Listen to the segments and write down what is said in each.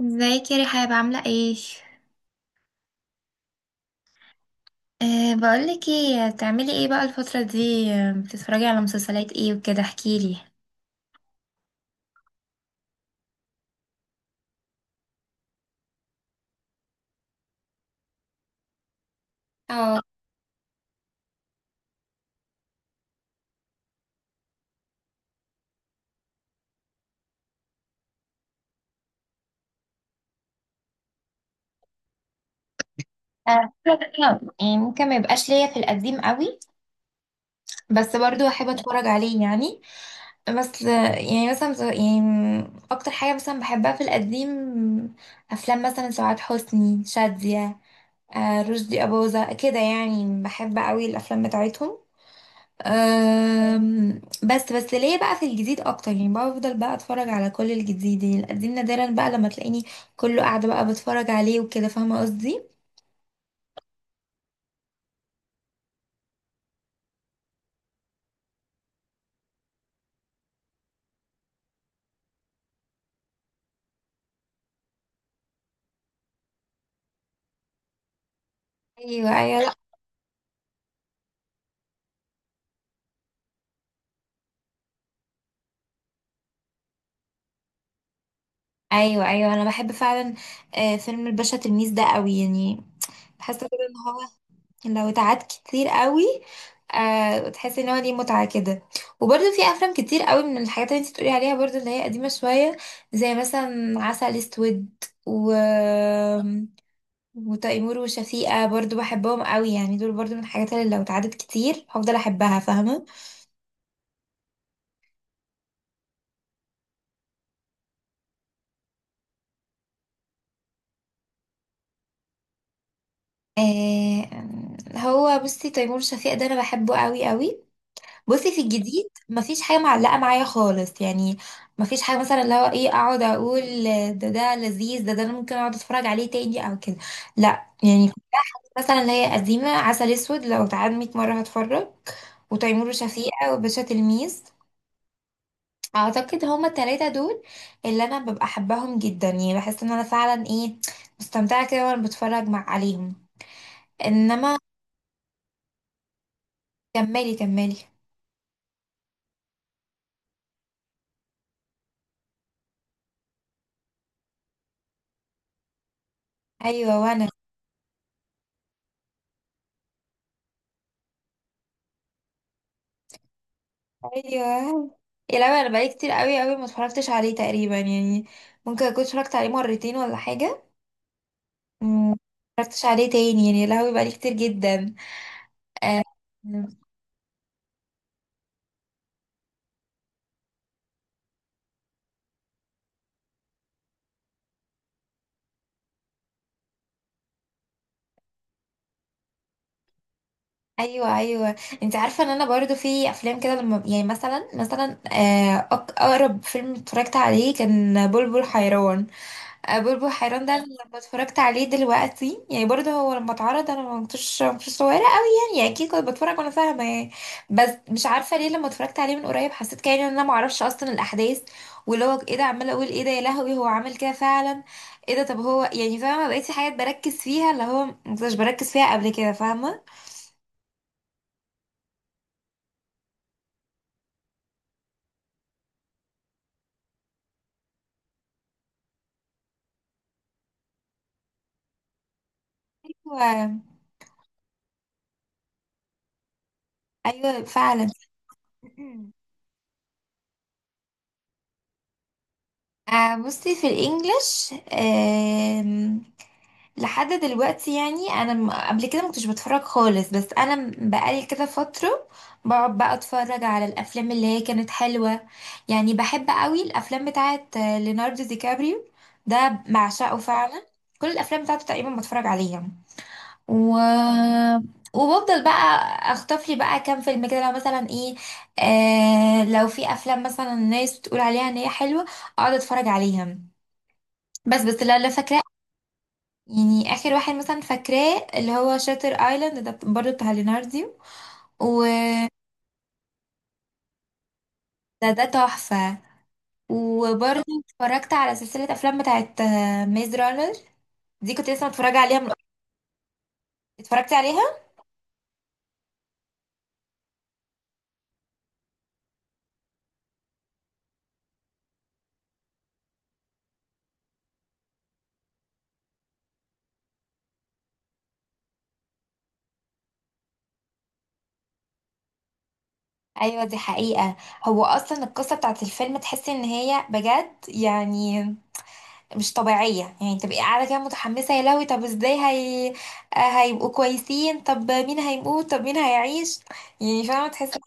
ازيك يا رحاب عاملة ايه؟ بقولك ايه تعملي ايه بقى الفترة دي، بتتفرجي على مسلسلات ايه وكده احكيلي. اه. آه، يعني ممكن ما يبقاش ليا في القديم قوي، بس برضو احب اتفرج عليه يعني. بس يعني مثلا يعني اكتر حاجه مثلا بحبها في القديم افلام مثلا سعاد حسني شاديه، رشدي اباظه كده يعني بحب قوي الافلام بتاعتهم. بس ليه بقى في الجديد اكتر يعني بفضل بقى اتفرج على كل الجديد، يعني القديم نادرا بقى لما تلاقيني كله قاعده بقى بتفرج عليه وكده، فاهمه قصدي؟ ايوه ايوه لا. ايوه ايوه انا بحب فعلا. فيلم الباشا تلميذ ده قوي يعني، بحس كده ان هو لو اتعاد كتير قوي تحس ان هو ليه متعه كده. وبرده في افلام كتير قوي من الحاجات اللي انت بتقولي عليها برده اللي هي قديمه شويه، زي مثلا عسل اسود، و وتيمور وشفيقة برضو بحبهم قوي، يعني دول برضو من الحاجات اللي لو اتعدت كتير هفضل احبها، فاهمة؟ آه هو بصي تيمور وشفيقة ده انا بحبه قوي قوي. بصي في الجديد مفيش حاجة معلقة معايا خالص يعني، مفيش حاجة مثلا اللي هو ايه اقعد اقول ده لذيذ، ده انا ممكن اقعد اتفرج عليه تاني او كده، لا يعني. مثلا اللي هي قديمة عسل اسود لو اتعاد 100 مرة هتفرج، وتيمور وشفيقة وباشا تلميذ. اعتقد هما التلاتة دول اللي انا ببقى احبهم جدا، يعني بحس ان انا فعلا ايه مستمتعة كده وانا بتفرج مع عليهم. انما كملي كملي. ايوه وانا. ايوه يا لا انا بقالي كتير قوي قوي ما اتفرجتش عليه تقريبا يعني، ممكن اكون اتفرجت عليه مرتين ولا حاجة. ما اتفرجتش عليه تاني يعني، يا لهوي بقالي كتير جدا. آه، ايوه ايوه. انت عارفه ان انا برضو في افلام كده لما يعني مثلا مثلا اقرب فيلم اتفرجت عليه كان بلبل حيران. بلبل حيران ده أنا لما اتفرجت عليه دلوقتي يعني برضه هو لما اتعرض انا ما كنتش صغيره قوي يعني اكيد كنت بتفرج وانا فاهمه يعني. بس مش عارفه ليه لما اتفرجت عليه من قريب حسيت كأني ان انا ما اعرفش اصلا الاحداث، واللي هو ايه ده عماله اقول ايه ده، يا لهوي هو عامل كده فعلا؟ ايه ده؟ طب هو يعني فاهمه بقيت في حاجات بركز فيها اللي هو ما كنتش بركز فيها قبل كده، فاهمه؟ ايوه. أيوة، فعلا. بصي في الانجليش لحد دلوقتي يعني انا قبل كده ما كنتش بتفرج خالص، بس انا بقالي كده فتره بقعد بقى اتفرج على الافلام اللي هي كانت حلوه. يعني بحب قوي الافلام بتاعت ليوناردو دي كابريو، ده بعشقه فعلا. كل الافلام بتاعته تقريبا بتفرج عليها، و... وبفضل بقى اخطف لي بقى كام فيلم كده لو مثلا ايه. لو في افلام مثلا الناس بتقول عليها ان هي حلوه اقعد اتفرج عليها، بس لا لا فاكره. يعني اخر واحد مثلا فاكراه اللي هو شاتر ايلاند ده برضو بتاع ليناردو، وده ده تحفة. وبرضو اتفرجت على سلسلة افلام بتاعت ميز رانر، دي كنت لسه متفرجة عليها من. اتفرجتي عليها؟ ايوه دي حقيقة. هو اصلا القصة بتاعت الفيلم تحسي ان هي بجد يعني مش طبيعية، يعني تبقي قاعدة كده متحمسة يا لهوي طب ازاي هي، هيبقوا كويسين؟ طب مين هيموت؟ طب مين هيعيش؟ يعني فاهمة تحسي.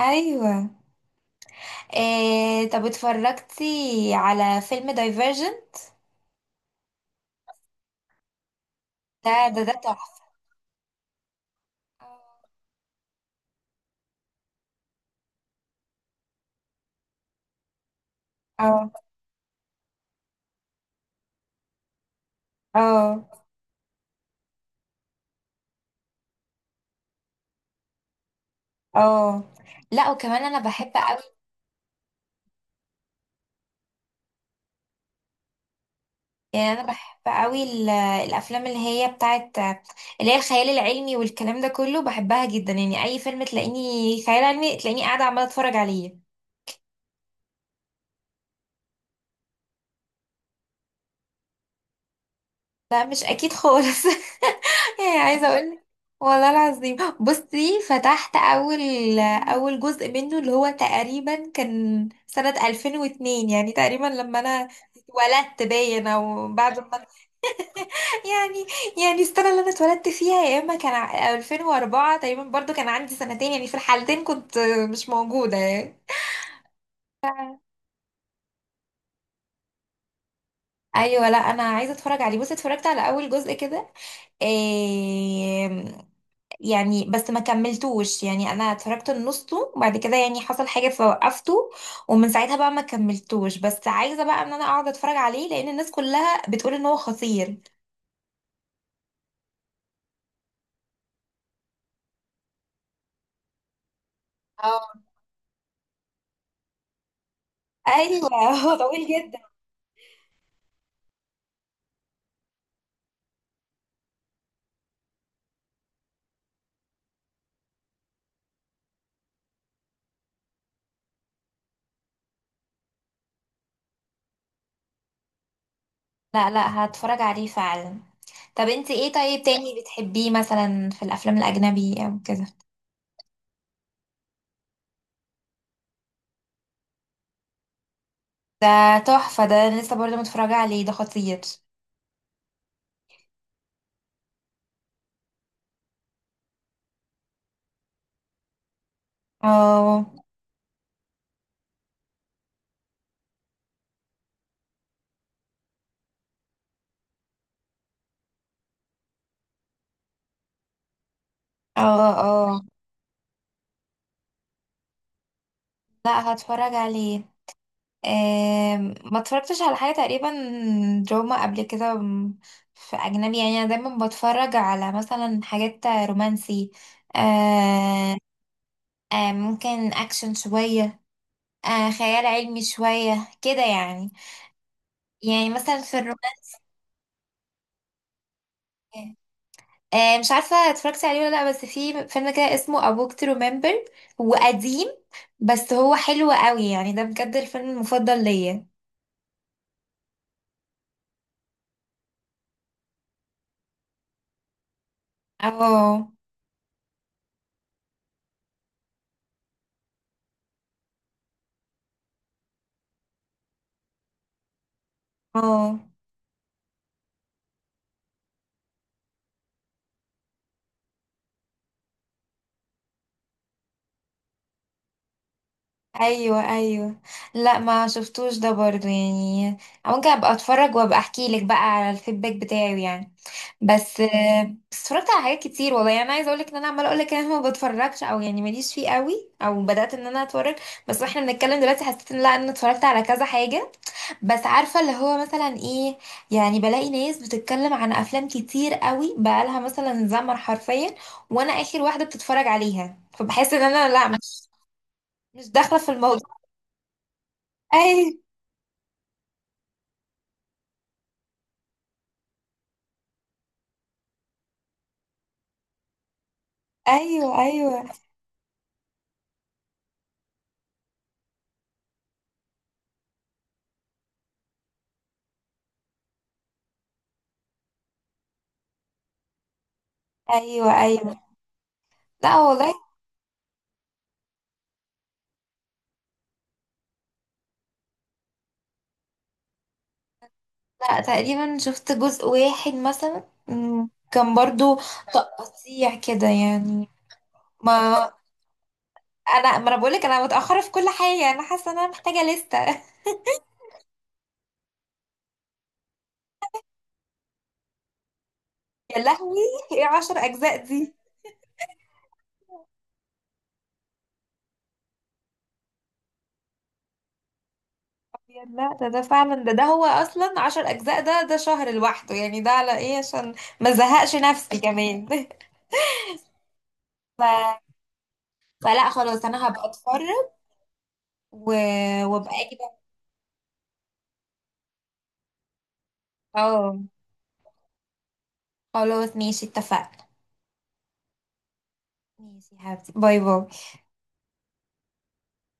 ايوه. إيه طب اتفرجتي على فيلم دايفرجن؟ ده تحفة. اه، اه، اه، لا وكمان انا بحب قوي. يعني انا بحب قوي الافلام اللي هي بتاعت اللي هي الخيال العلمي والكلام ده كله بحبها جدا، يعني اي فيلم تلاقيني خيال علمي تلاقيني قاعدة عمالة اتفرج عليه. لا مش اكيد خالص ايه عايزه اقول. والله العظيم بصي فتحت اول جزء منه اللي هو تقريبا كان سنه 2002، يعني تقريبا لما انا اتولدت باين او بعد ما يعني يعني السنه اللي انا اتولدت فيها، يا اما كان 2004 تقريبا برضو كان عندي سنتين، يعني في الحالتين كنت مش موجوده يعني. ايوه لا انا عايزه اتفرج عليه. بصي اتفرجت على اول جزء كده إيه يعني، بس ما كملتوش يعني، انا اتفرجت نصه وبعد كده يعني حصل حاجه فوقفته، ومن ساعتها بقى ما كملتوش. بس عايزه بقى ان انا اقعد اتفرج عليه لان الناس كلها بتقول ان هو خطير. اه، ايوه هو طويل جدا. لا لا هتفرج عليه فعلا. طب انت ايه طيب تاني بتحبيه مثلا في الافلام الاجنبي او كده؟ ده تحفه، ده أنا لسه برضه متفرجه عليه، ده خطير. اه، اه، اه، لا هتفرج عليه. ما اتفرجتش على حاجة تقريبا دراما قبل كده في أجنبي، يعني أنا دايما بتفرج على مثلا حاجات رومانسي، آه، ممكن أكشن شوية، خيال علمي شوية كده يعني. يعني مثلا في الرومانسي مش عارفة اتفرجتي عليه ولا لأ، بس في فيلم كده اسمه A Walk to Remember، هو قديم بس هو حلو قوي يعني، ده بجد الفيلم المفضل ليا. اه، اه، ايوه ايوه لا ما شفتوش ده برضو يعني، ممكن ابقى اتفرج وابقى احكي لك بقى على الفيدباك بتاعه يعني. بس بس اتفرجت على حاجات كتير والله، يعني انا عايزه اقول لك ان انا عماله اقول لك ان انا ما بتفرجش او يعني ماليش فيه قوي او بدات ان انا اتفرج. بس واحنا بنتكلم دلوقتي حسيت ان لا انا اتفرجت على كذا حاجه، بس عارفه اللي هو مثلا ايه، يعني بلاقي ناس بتتكلم عن افلام كتير قوي بقالها مثلا زمن حرفيا وانا اخر واحده بتتفرج عليها، فبحس ان انا لا مش داخله في الموضوع. أيوه. ايوه ايوه ايوه ايوه. لا والله. لا تقريبا شفت جزء واحد مثلا كان برضو تقطيع كده يعني. ما ما انا بقولك انا متاخره في كل حاجه يعني انا حاسه ان انا محتاجه لستة يا لهوي، ايه 10 اجزاء دي؟ يا لا ده فعلا، ده هو اصلا 10 اجزاء، ده شهر لوحده يعني، ده على ايه عشان ما زهقش نفسي كمان ف... فلا خلاص انا هبقى اتفرج، و... وابقى اجي بقى- اه خلاص ماشي اتفقنا. ماشي يا حبيبتي باي باي.